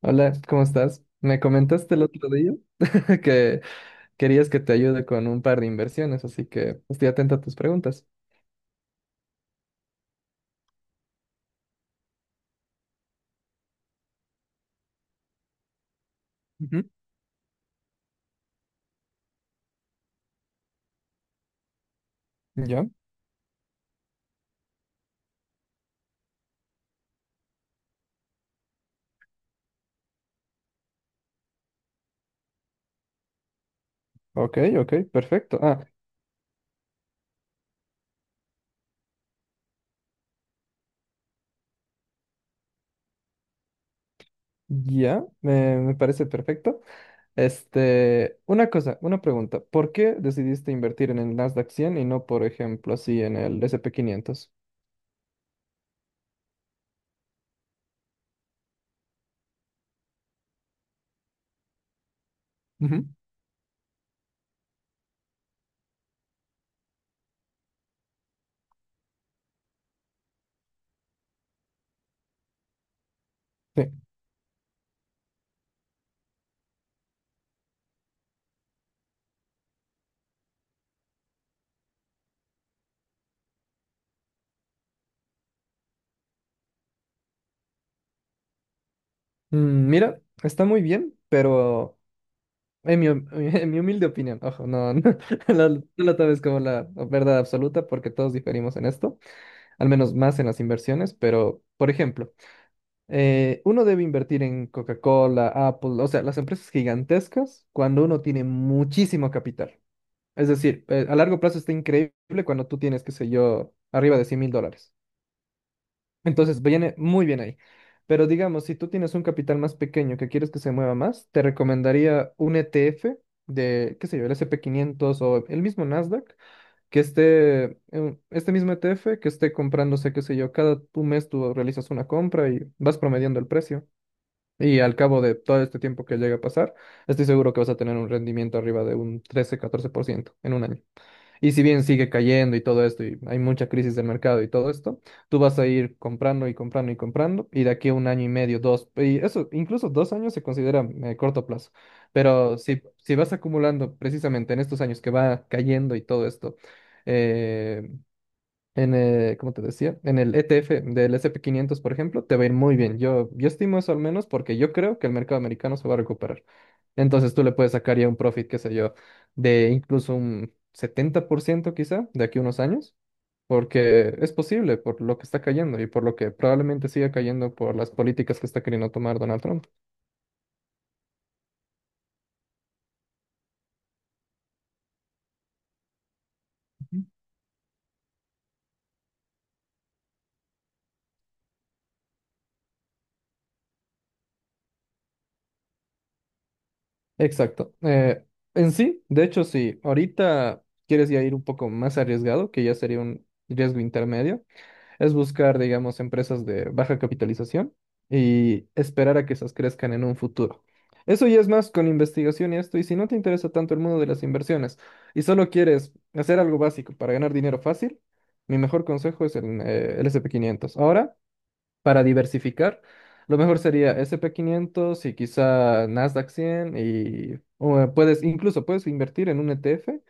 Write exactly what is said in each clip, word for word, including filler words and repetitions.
Hola, ¿cómo estás? Me comentaste el hola, otro día que querías que te ayude con un par de inversiones, así que estoy atenta a tus preguntas. Ujú. Ya, ok, ok, perfecto. Ah, ya, me, me parece perfecto. Este, una cosa, una pregunta. ¿Por qué decidiste invertir en el Nasdaq cien y no, por ejemplo, así en el S and p quinientos? Ujú. Sí. Mm, Mira, está muy bien, pero En mi, hum- en mi humilde opinión, ojo, no, no, no, lo no lo tomes como la verdad absoluta porque todos diferimos en esto, al menos más en las inversiones, pero, por ejemplo, eh, uno debe invertir en Coca-Cola, Apple, o sea, las empresas gigantescas cuando uno tiene muchísimo capital. Es decir, eh, a largo plazo está increíble cuando tú tienes, qué sé yo, arriba de cien mil dólares. Entonces, viene muy bien ahí. Pero digamos, si tú tienes un capital más pequeño que quieres que se mueva más, te recomendaría un E T F de, qué sé yo, el S&P quinientos o el mismo Nasdaq, que esté, en- este mismo E T F que esté comprándose, qué sé yo, cada tu mes tú realizas una compra y vas promediando el precio. Y al cabo de todo este tiempo que llega a pasar, estoy seguro que vas a tener un rendimiento arriba de un trece catorce por ciento en un año. Y si bien sigue cayendo y todo esto, y hay mucha crisis del mercado y todo esto, tú vas a ir comprando y comprando y comprando, y de aquí a un año y medio, dos, y eso, incluso dos años se considera eh, corto plazo. Pero si, si vas acumulando precisamente en estos años que va cayendo y todo esto, eh, en el, como te decía, en el E T F del S y P quinientos, por ejemplo, te va a ir muy bien. Yo, yo estimo eso al menos porque yo creo que el mercado americano se va a recuperar. Entonces tú le puedes sacar ya un profit, qué sé yo, de incluso un setenta por ciento quizá de aquí a unos años, porque es posible por lo que está cayendo y por lo que probablemente siga cayendo por las políticas que está queriendo tomar Donald Trump. Ujú. Exacto. Eh, en sí, de hecho, si ahorita quieres ya ir un poco más arriesgado, que ya sería un riesgo intermedio, es buscar, digamos, empresas de baja capitalización y esperar a que esas crezcan en un futuro. Eso ya es más con investigación y esto, y si no te interesa tanto el mundo de las inversiones y solo quieres hacer algo básico para ganar dinero fácil, mi mejor consejo es el, eh, el S and p quinientos. Ahora, para diversificar, lo mejor sería S and P quinientos y quizá Nasdaq cien y o, puedes, incluso puedes invertir en un E T F.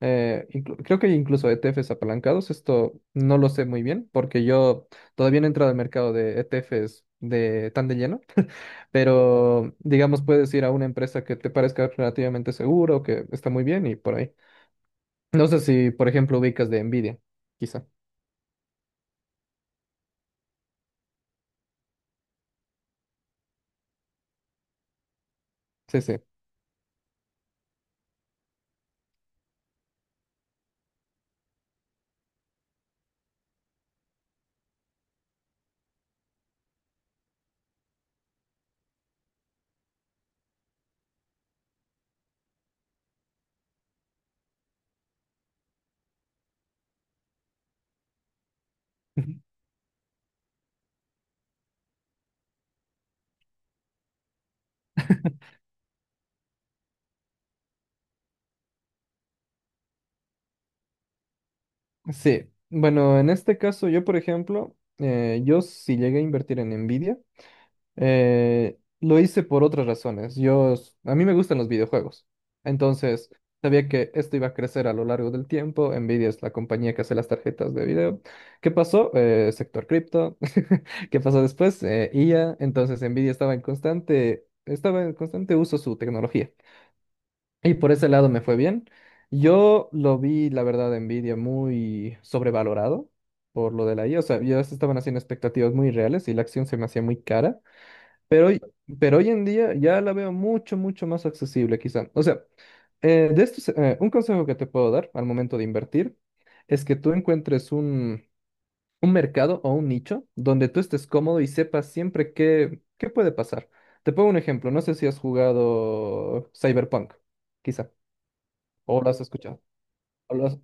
eh, inclu- Creo que hay incluso E T Fs apalancados. Esto no lo sé muy bien porque yo todavía no he entrado al mercado de E T Fs de, tan de lleno, pero digamos puedes ir a una empresa que te parezca relativamente seguro, que está muy bien y por ahí. No sé si, por ejemplo, ubicas de Nvidia, quizá. Sí, sí. Sí, bueno, en este caso yo, por ejemplo, eh, yo sí llegué a invertir en Nvidia, eh, lo hice por otras razones. Yo, s- a mí me gustan los videojuegos, entonces sabía que esto iba a crecer a lo largo del tiempo. Nvidia es la compañía que hace las tarjetas de video. ¿Qué pasó? Eh, sector cripto. ¿Qué pasó después? Eh, I A. Entonces Nvidia estaba en constante, estaba en constante uso su tecnología. Y por ese lado me fue bien. Yo lo vi, la verdad, en Nvidia muy sobrevalorado por lo de la I A. O sea, ya se estaban haciendo expectativas muy reales y la acción se me hacía muy cara. Pero hoy, pero hoy en día ya la veo mucho, mucho más accesible, quizá. O sea, eh, de estos, eh, un consejo que te puedo dar al momento de invertir es que tú encuentres un, un mercado o un nicho donde tú estés cómodo y sepas siempre qué, qué puede pasar. Te pongo un ejemplo. No sé si has jugado Cyberpunk, quizá o lo has escuchado. o lo has-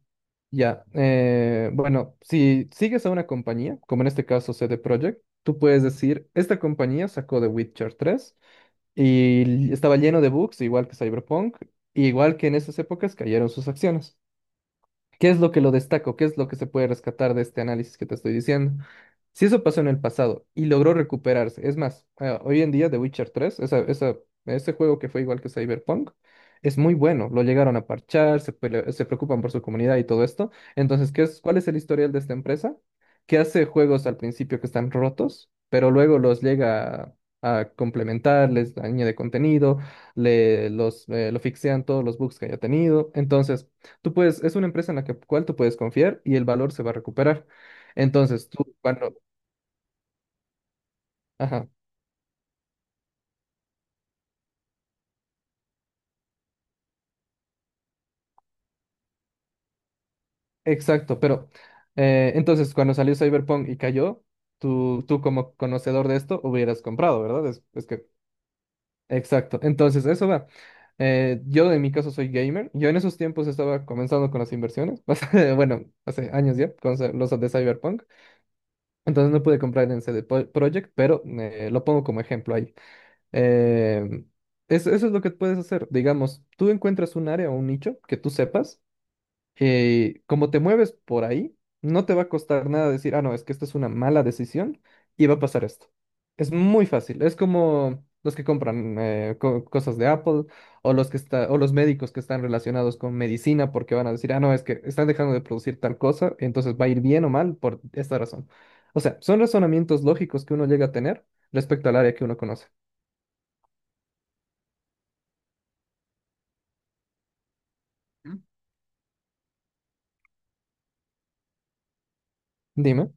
Ya, eh, bueno, si sigues a una compañía, como en este caso C D Projekt, tú puedes decir, esta compañía sacó The Witcher tres y l- estaba lleno de bugs, igual que Cyberpunk, igual que en esas épocas cayeron sus acciones. ¿Qué es lo que lo destaco? ¿Qué es lo que se puede rescatar de este análisis que te estoy diciendo? Si eso pasó en el pasado y logró recuperarse, es más, eh, hoy en día The Witcher tres, esa, esa- ese juego que fue igual que Cyberpunk, es muy bueno, lo llegaron a parchar, se, pele- se preocupan por su comunidad y todo esto. Entonces, ¿qué es, cuál es el historial de esta empresa? Que hace juegos al principio que están rotos, pero luego los llega a, a complementar, les añade contenido, le, los, eh, lo fixean todos los bugs que haya tenido. Entonces, tú puedes, es una empresa en la que, cual tú puedes confiar y el valor se va a recuperar. Entonces, tú cuando, ajá, exacto, pero eh, entonces cuando salió Cyberpunk y cayó, tú, tú como conocedor de esto hubieras comprado, ¿verdad? Es, es que, exacto, entonces eso va. Eh, yo en mi caso soy gamer, yo en esos tiempos estaba comenzando con las inversiones, hace- bueno, hace años ya, con los de Cyberpunk, entonces no pude comprar en c CD Projekt, pero eh, lo pongo como ejemplo ahí. Eh, eso, eso es lo que puedes hacer. Digamos, tú encuentras un área o un nicho que tú sepas, eh, como te mueves por ahí, no te va a costar nada decir, ah, no, es que esta es una mala decisión y va a pasar esto. Es muy fácil. Es como los que compran eh, co- cosas de Apple o los que está, o los médicos que están relacionados con medicina porque van a decir, ah, no, es que están dejando de producir tal cosa, entonces va a ir bien o mal por esta razón. O sea, son razonamientos lógicos que uno llega a tener respecto al área que uno conoce. Dime.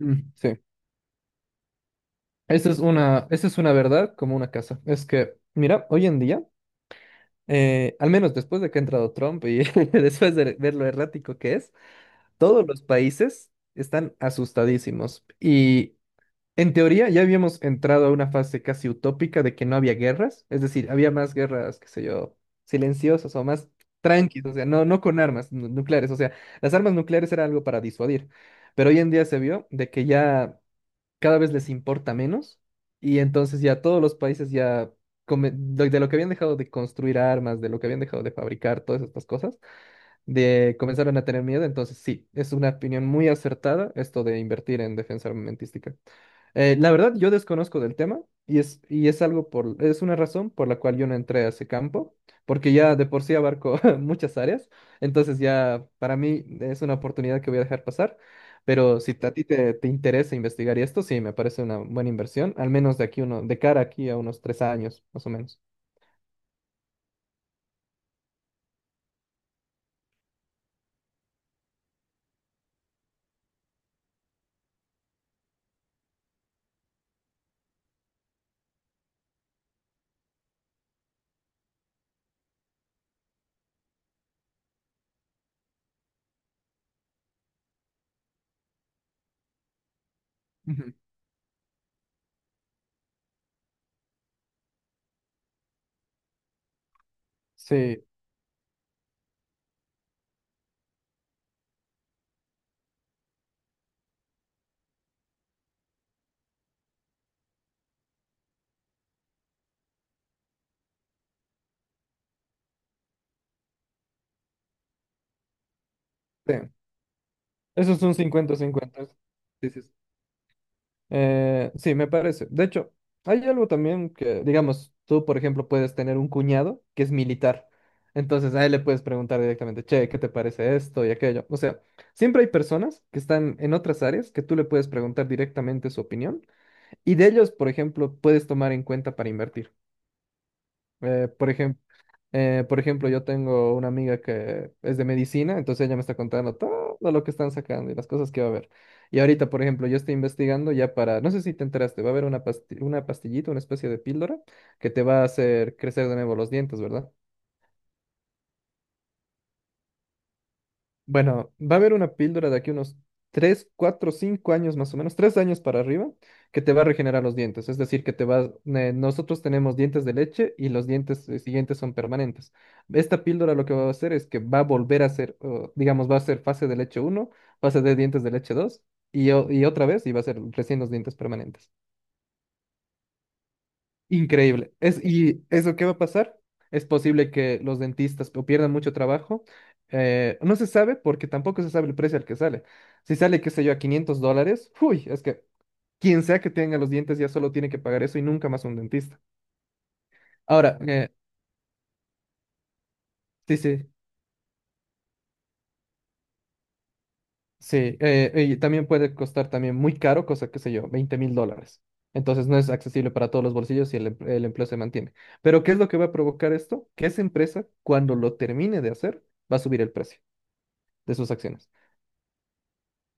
Mm, sí. Esa es una, esa es una verdad como una casa. Es que, mira, hoy en día, eh, al menos después de que ha entrado Trump y después de ver lo errático que es, todos los países están asustadísimos. Y en teoría ya habíamos entrado a una fase casi utópica de que no había guerras. Es decir, había más guerras, qué sé yo, silenciosas o más tranquilas. O sea, no, no con armas nu- nucleares. O sea, las armas nucleares era algo para disuadir. Pero hoy en día se vio de que ya, cada vez les importa menos y entonces ya todos los países ya, come- de de lo que habían dejado de construir armas, de lo que habían dejado de fabricar, todas estas cosas, de comenzaron a tener miedo. Entonces, sí, es una opinión muy acertada esto de invertir en defensa armamentística. Eh, la verdad, yo desconozco del tema y es, y es algo por, es una razón por la cual yo no entré a ese campo, porque ya de por sí abarco muchas áreas, entonces ya para mí es una oportunidad que voy a dejar pasar, pero si a ti te, te interesa investigar y esto, sí, me parece una buena inversión, al menos de aquí uno, de cara aquí a unos tres años, más o menos. Ujú. Sí, sí. Eso es un cincuenta 50. Sí, sí, sí. Eh, sí, me parece. De hecho, hay algo también que, digamos, tú, por ejemplo, puedes tener un cuñado que es militar. Entonces a él le puedes preguntar directamente, che, ¿qué te parece esto y aquello? O sea, siempre hay personas que están en otras áreas que tú le puedes preguntar directamente su opinión y de ellos, por ejemplo, puedes tomar en cuenta para invertir. Eh, por ejemplo, eh, por ejemplo, yo tengo una amiga que es de medicina, entonces ella me está contando todo lo que están sacando y las cosas que va a haber. Y ahorita, por ejemplo, yo estoy investigando ya para, no sé si te enteraste, va a haber una pasti- una pastillita, una especie de píldora que te va a hacer crecer de nuevo los dientes, ¿verdad? Bueno, va a haber una píldora de aquí unos tres, cuatro, cinco años más o menos, tres años para arriba, que te va a regenerar los dientes. Es decir, que te vas, eh, nosotros tenemos dientes de leche y los dientes eh, siguientes son permanentes. Esta píldora lo que va a hacer es que va a volver a ser, o, digamos, va a ser fase de leche uno, fase de dientes de leche dos y, o- y otra vez y va a ser recién los dientes permanentes. Increíble. Es, ¿y eso qué va a pasar? Es posible que los dentistas o pierdan mucho trabajo. Eh, no se sabe porque tampoco se sabe el precio al que sale. Si sale, qué sé yo, a quinientos dólares, uy, es que quien sea que tenga los dientes ya solo tiene que pagar eso y nunca más un dentista. Ahora, eh, sí, sí, sí, eh, y también puede costar también muy caro, cosa, qué sé yo, veinte mil dólares. Entonces no es accesible para todos los bolsillos y el, em- el empleo se mantiene. Pero ¿qué es lo que va a provocar esto? Que esa empresa, cuando lo termine de hacer, va a subir el precio de sus acciones.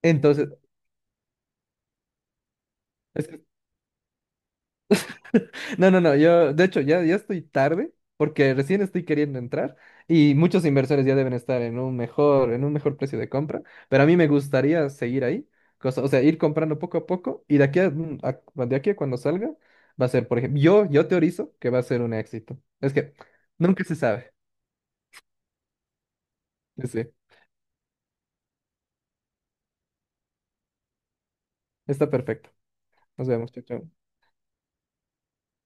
Entonces, es que- no, no, no, yo de hecho ya, ya estoy tarde porque recién estoy queriendo entrar y muchos inversores ya deben estar en un mejor, en un mejor precio de compra, pero a mí me gustaría seguir ahí, cosa- o sea, ir comprando poco a poco y de aquí a, mm, a- de aquí a cuando salga va a ser, por ejemplo, yo, yo teorizo que va a ser un éxito. Es que nunca se sabe. Sí, sí, está perfecto. Nos vemos, chao, chao.